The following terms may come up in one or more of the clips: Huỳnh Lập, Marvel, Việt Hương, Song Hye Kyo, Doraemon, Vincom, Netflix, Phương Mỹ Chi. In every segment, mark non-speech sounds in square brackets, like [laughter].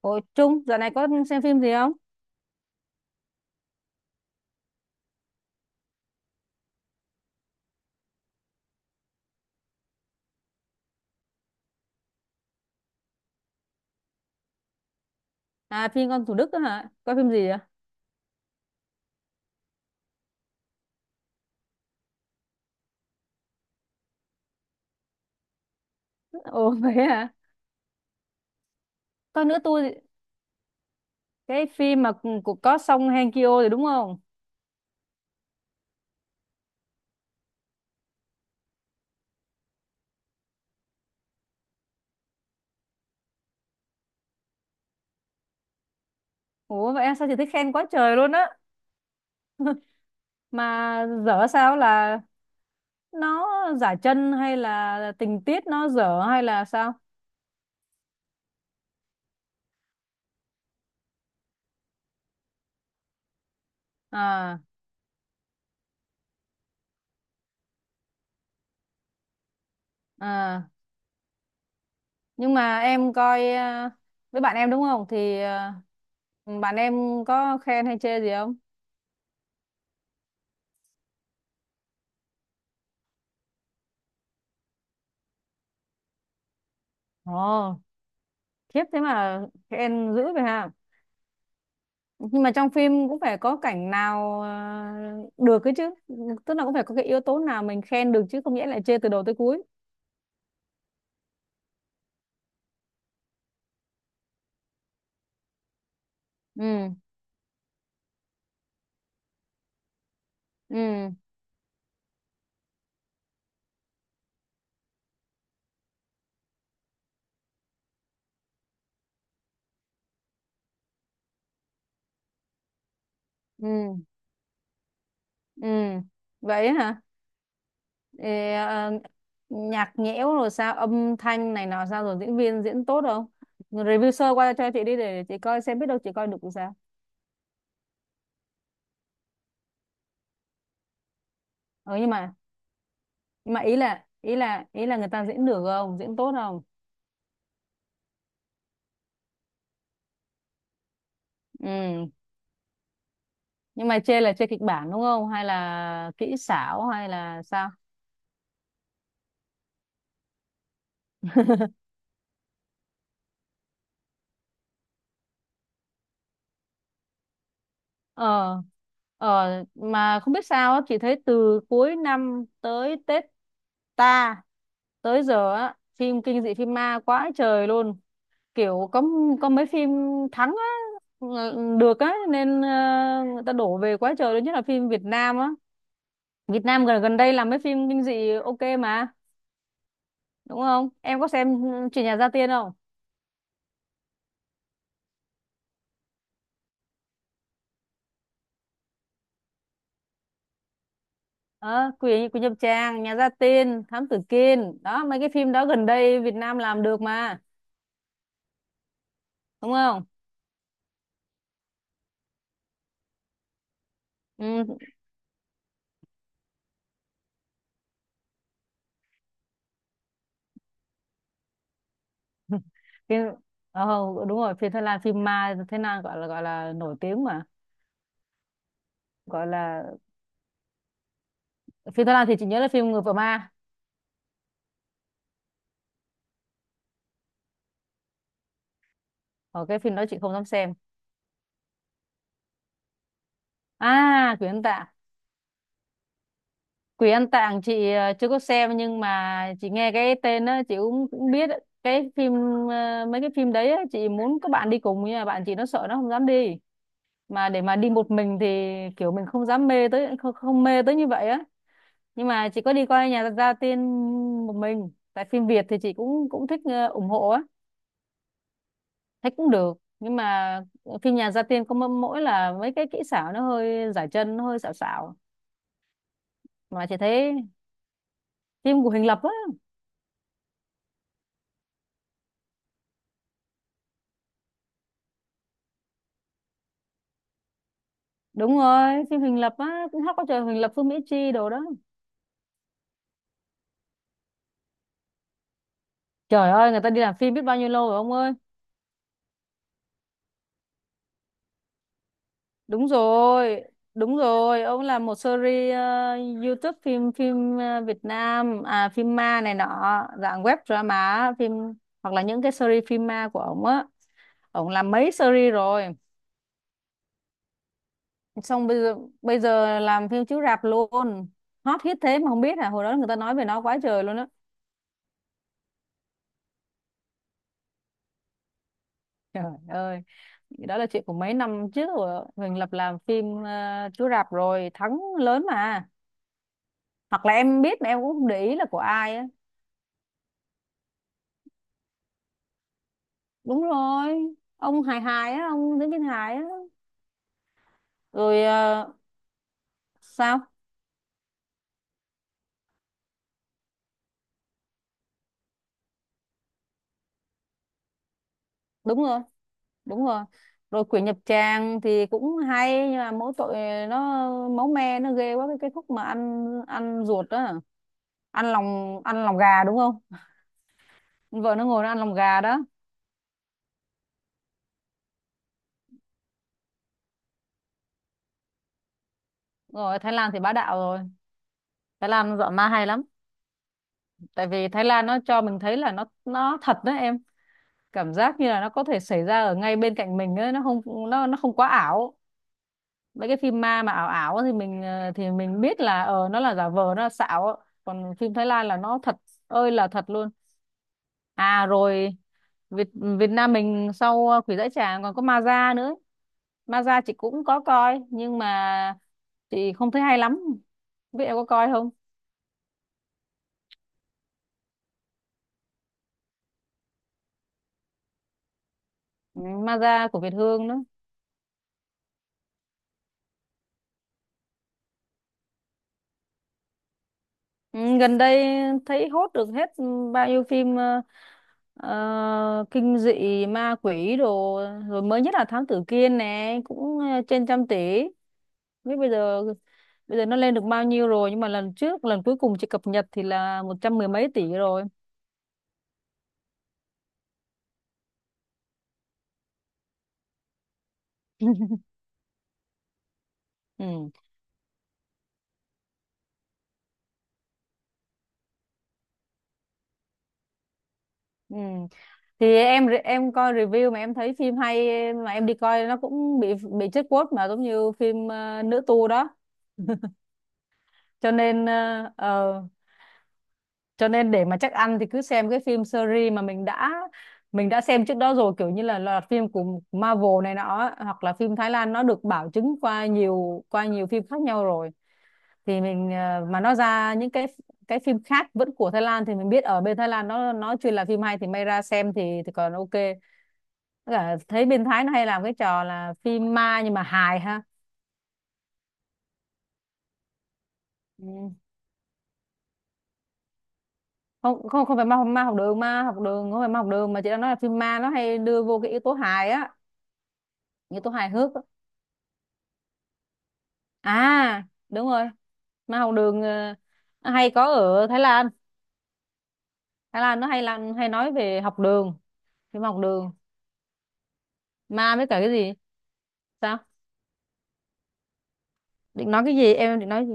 Ôi Trung, dạo này có xem phim gì không? À, phim con Thủ Đức đó hả? Coi phim gì vậy? Ồ, [laughs] vậy hả? Coi nữa tôi, cái phim mà của có Song Hye Kyo rồi đúng không? Ủa vậy em sao, chị thấy khen quá trời luôn á. Mà dở sao, là nó giả chân hay là tình tiết nó dở hay là sao? À à, nhưng mà em coi với bạn em đúng không? Thì bạn em có khen hay chê gì không? Ồ, khiếp thế mà khen dữ vậy hả? Nhưng mà trong phim cũng phải có cảnh nào được cái chứ, tức là cũng phải có cái yếu tố nào mình khen được chứ không nghĩa lại chê từ đầu tới cuối. Ừ, ừ, ừ, ừ, vậy á hả. Ê, nhạc nhẽo rồi sao, âm thanh này nọ sao, rồi diễn viên diễn tốt không, review sơ qua cho chị đi, để chị coi xem biết đâu chị coi được thì sao. Ừ, nhưng mà ý là người ta diễn được không, diễn tốt không. Ừ, nhưng mà chê là chê kịch bản đúng không, hay là kỹ xảo, hay là sao? ờ ờ mà không biết sao á, chị thấy từ cuối năm tới Tết ta tới giờ á, phim kinh dị, phim ma quá trời luôn, kiểu có mấy phim thắng á. Ừ, được á, nên người ta đổ về quá trời luôn, nhất là phim Việt Nam á. Việt Nam gần gần đây làm mấy phim kinh dị, ok mà. Đúng không, em có xem chuyện nhà gia tiên không? Ờ quỷ Quỷ Nhập Tràng, Nhà Gia Tiên, Thám Tử Kiên đó, mấy cái phim đó gần đây Việt Nam làm được mà, đúng không? Ừ, phim ờ, đúng rồi, phim Thái Lan, phim ma Thái Lan gọi là nổi tiếng mà. Gọi là, phim Thái Lan thì chị nhớ là phim Người vợ ma. Ở, cái phim đó chị không dám xem. À, Quỷ Ăn Tạng. Quỷ Ăn Tạng chị chưa có xem, nhưng mà chị nghe cái tên đó chị cũng biết ấy. Mấy cái phim đấy á, chị muốn các bạn đi cùng nhưng mà bạn chị nó sợ, nó không dám đi, mà để mà đi một mình thì kiểu mình không dám mê tới, không, không mê tới như vậy á. Nhưng mà chị có đi coi nhà ra tiên một mình, tại phim Việt thì chị cũng cũng thích, ủng hộ á. Thấy cũng được, nhưng mà phim nhà gia tiên có mỗi mỗi là mấy cái kỹ xảo nó hơi giải chân, nó hơi xảo xảo, mà chị thấy phim của Huỳnh Lập á. Đúng rồi, phim Huỳnh Lập á cũng hot quá trời, Huỳnh Lập, Phương Mỹ Chi đồ đó. Trời ơi, người ta đi làm phim biết bao nhiêu lâu rồi ông ơi. Đúng rồi, đúng rồi, ông làm một series YouTube, phim phim ờ, Việt Nam, à phim ma này nọ, dạng web drama, hoặc là những cái series phim ma của ông á. Ông làm mấy series rồi, xong bây giờ làm phim chiếu rạp luôn. Hot hit thế mà không biết, hồi đó người ta nói về nó quá trời luôn á. Trời ơi, đó là chuyện của mấy năm trước rồi. Huỳnh Lập làm phim chiếu rạp rồi, thắng lớn mà. Hoặc là em biết mà em cũng không để ý là của ai á. Đúng rồi, ông hài hài á, ông diễn viên hải á. Rồi sao? Đúng rồi, đúng rồi, rồi Quỷ Nhập Tràng thì cũng hay nhưng mà mỗi tội nó máu me nó ghê quá, cái khúc mà ăn ăn ruột đó, ăn lòng gà đúng không, vợ nó ngồi nó ăn lòng gà đó. Rồi Thái Lan thì bá đạo rồi, Thái Lan dọn ma hay lắm, tại vì Thái Lan nó cho mình thấy là nó thật đó em, cảm giác như là nó có thể xảy ra ở ngay bên cạnh mình ấy, nó không nó nó không quá ảo. Mấy cái phim ma mà ảo ảo thì thì mình biết là nó là giả vờ, nó là xạo, còn phim Thái Lan là nó thật, ơi là thật luôn. À, rồi Việt Việt Nam mình, sau Quỷ Dãy Tràng còn có Ma Da nữa. Ma Da chị cũng có coi nhưng mà chị không thấy hay lắm, biết em có coi không. Ừ, Ma Da của Việt Hương đó. Ừ, gần đây thấy hốt được hết bao nhiêu phim kinh dị ma quỷ đồ, rồi mới nhất là Thám Tử Kiên nè cũng trên trăm tỷ. Không biết bây giờ nó lên được bao nhiêu rồi, nhưng mà lần cuối cùng chị cập nhật thì là một trăm mười mấy tỷ rồi. [laughs] Ừ. Ừ. Thì em coi review mà em thấy phim hay, mà em đi coi nó cũng bị chết quote, mà giống như phim nữ tu đó, cho nên cho nên để mà chắc ăn thì cứ xem cái phim series mà mình đã xem trước đó rồi, kiểu như là loạt phim của Marvel này nọ, hoặc là phim Thái Lan nó được bảo chứng qua nhiều phim khác nhau rồi, thì mà nó ra những cái phim khác vẫn của Thái Lan thì mình biết ở bên Thái Lan nó chuyên là phim hay, thì may ra xem thì còn ok. Với cả thấy bên Thái nó hay làm cái trò là phim ma nhưng mà hài ha. Ừ. Không, không, không phải ma ma học đường, không phải ma học đường mà chị đang nói là phim ma nó hay đưa vô cái yếu tố hài á, như tố hài hước á. À đúng rồi, mà học đường nó hay có ở Thái Lan, Thái Lan nó hay làm, hay nói về học đường, phim học đường ma, với cả cái gì sao? Định nói cái gì, em định nói gì?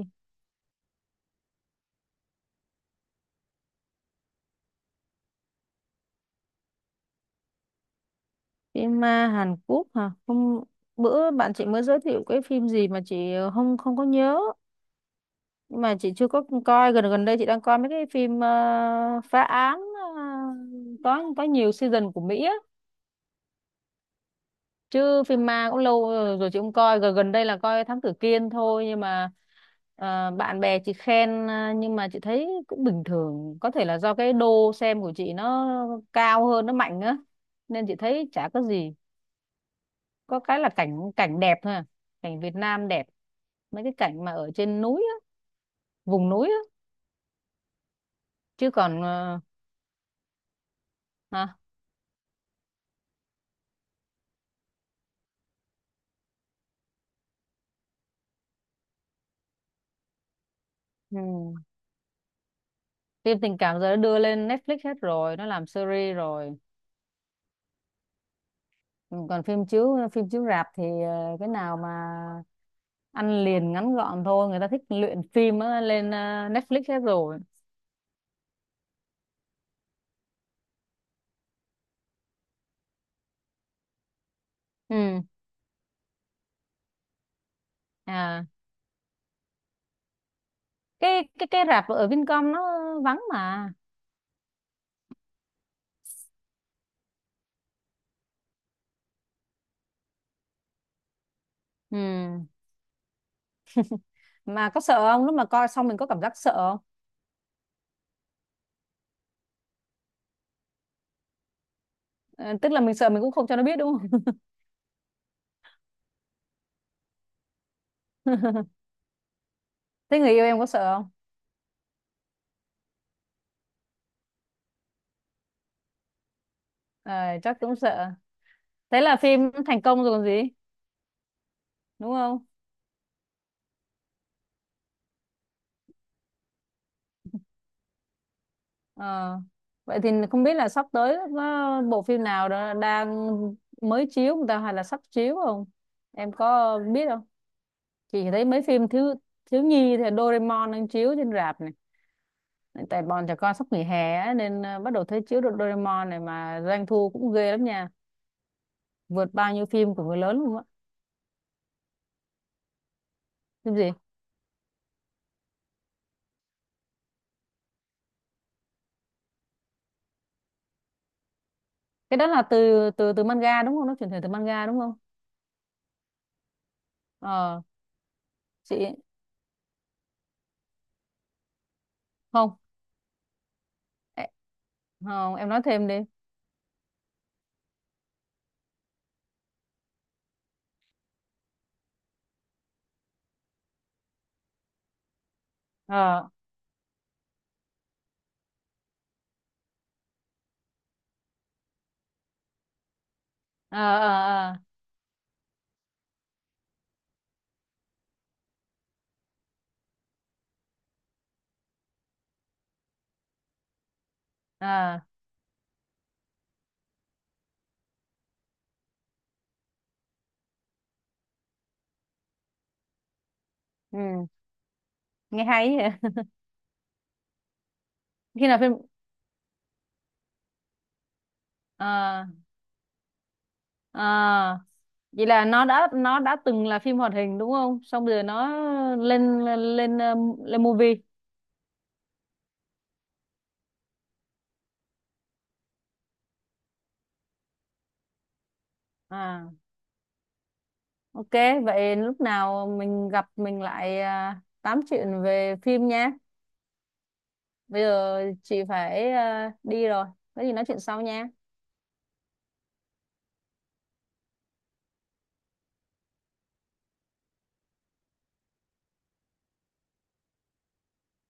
Phim ma Hàn Quốc hả, hôm bữa bạn chị mới giới thiệu cái phim gì mà chị không, không có nhớ, nhưng mà chị chưa có coi. Gần gần đây chị đang coi mấy cái phim phá án, ờ, có nhiều season của Mỹ á, chứ phim ma cũng lâu rồi, rồi chị không coi. Gần gần đây là coi Thám Tử Kiên thôi, nhưng mà bạn bè chị khen, nhưng mà chị thấy cũng bình thường, có thể là do cái đô xem của chị nó cao hơn, nó mạnh á, nên chị thấy chả có gì. Có cái là cảnh cảnh đẹp thôi à, cảnh Việt Nam đẹp, mấy cái cảnh mà ở trên núi á, vùng núi á. Chứ còn hả? Ừ. Phim tình cảm giờ nó đưa lên Netflix hết rồi, nó làm series rồi. Ừ, còn phim chiếu rạp thì cái nào mà ăn liền ngắn gọn thôi, người ta thích luyện phim á, lên Netflix hết rồi. Ừ, à, cái rạp ở Vincom nó vắng mà. Ừ, mà có sợ không, lúc mà coi xong mình có cảm giác sợ không? Ờ, tức là mình sợ mình cũng không cho nó biết đúng không. [laughs] Thế người yêu em có sợ không? Ờ, chắc cũng sợ, thế là phim thành công rồi còn gì, đúng không? Ờ. Vậy thì không biết là sắp tới nó bộ phim nào đó đang mới chiếu người ta, hay là sắp chiếu không? Em có biết không? Chị thấy mấy phim thiếu thiếu nhi thì Doraemon đang chiếu trên rạp này. Tại bọn trẻ con sắp nghỉ hè á, nên bắt đầu thấy chiếu được Doraemon này, mà doanh thu cũng ghê lắm nha, vượt bao nhiêu phim của người lớn luôn á. Phim gì? Cái đó là từ từ từ manga đúng không? Nó chuyển thể từ manga đúng không? Ờ, chị không. Ê, không, em nói thêm đi. Ờ, ờ, ờ, ờ, ờ. Ừ. Nghe hay vậy. [laughs] Khi nào phim à? à, Vậy là nó đã từng là phim hoạt hình đúng không, xong rồi nó lên lên lên movie. À, ok, vậy lúc nào mình gặp mình lại tám chuyện về phim nha. Bây giờ chị phải đi rồi, có gì nói chuyện sau nha.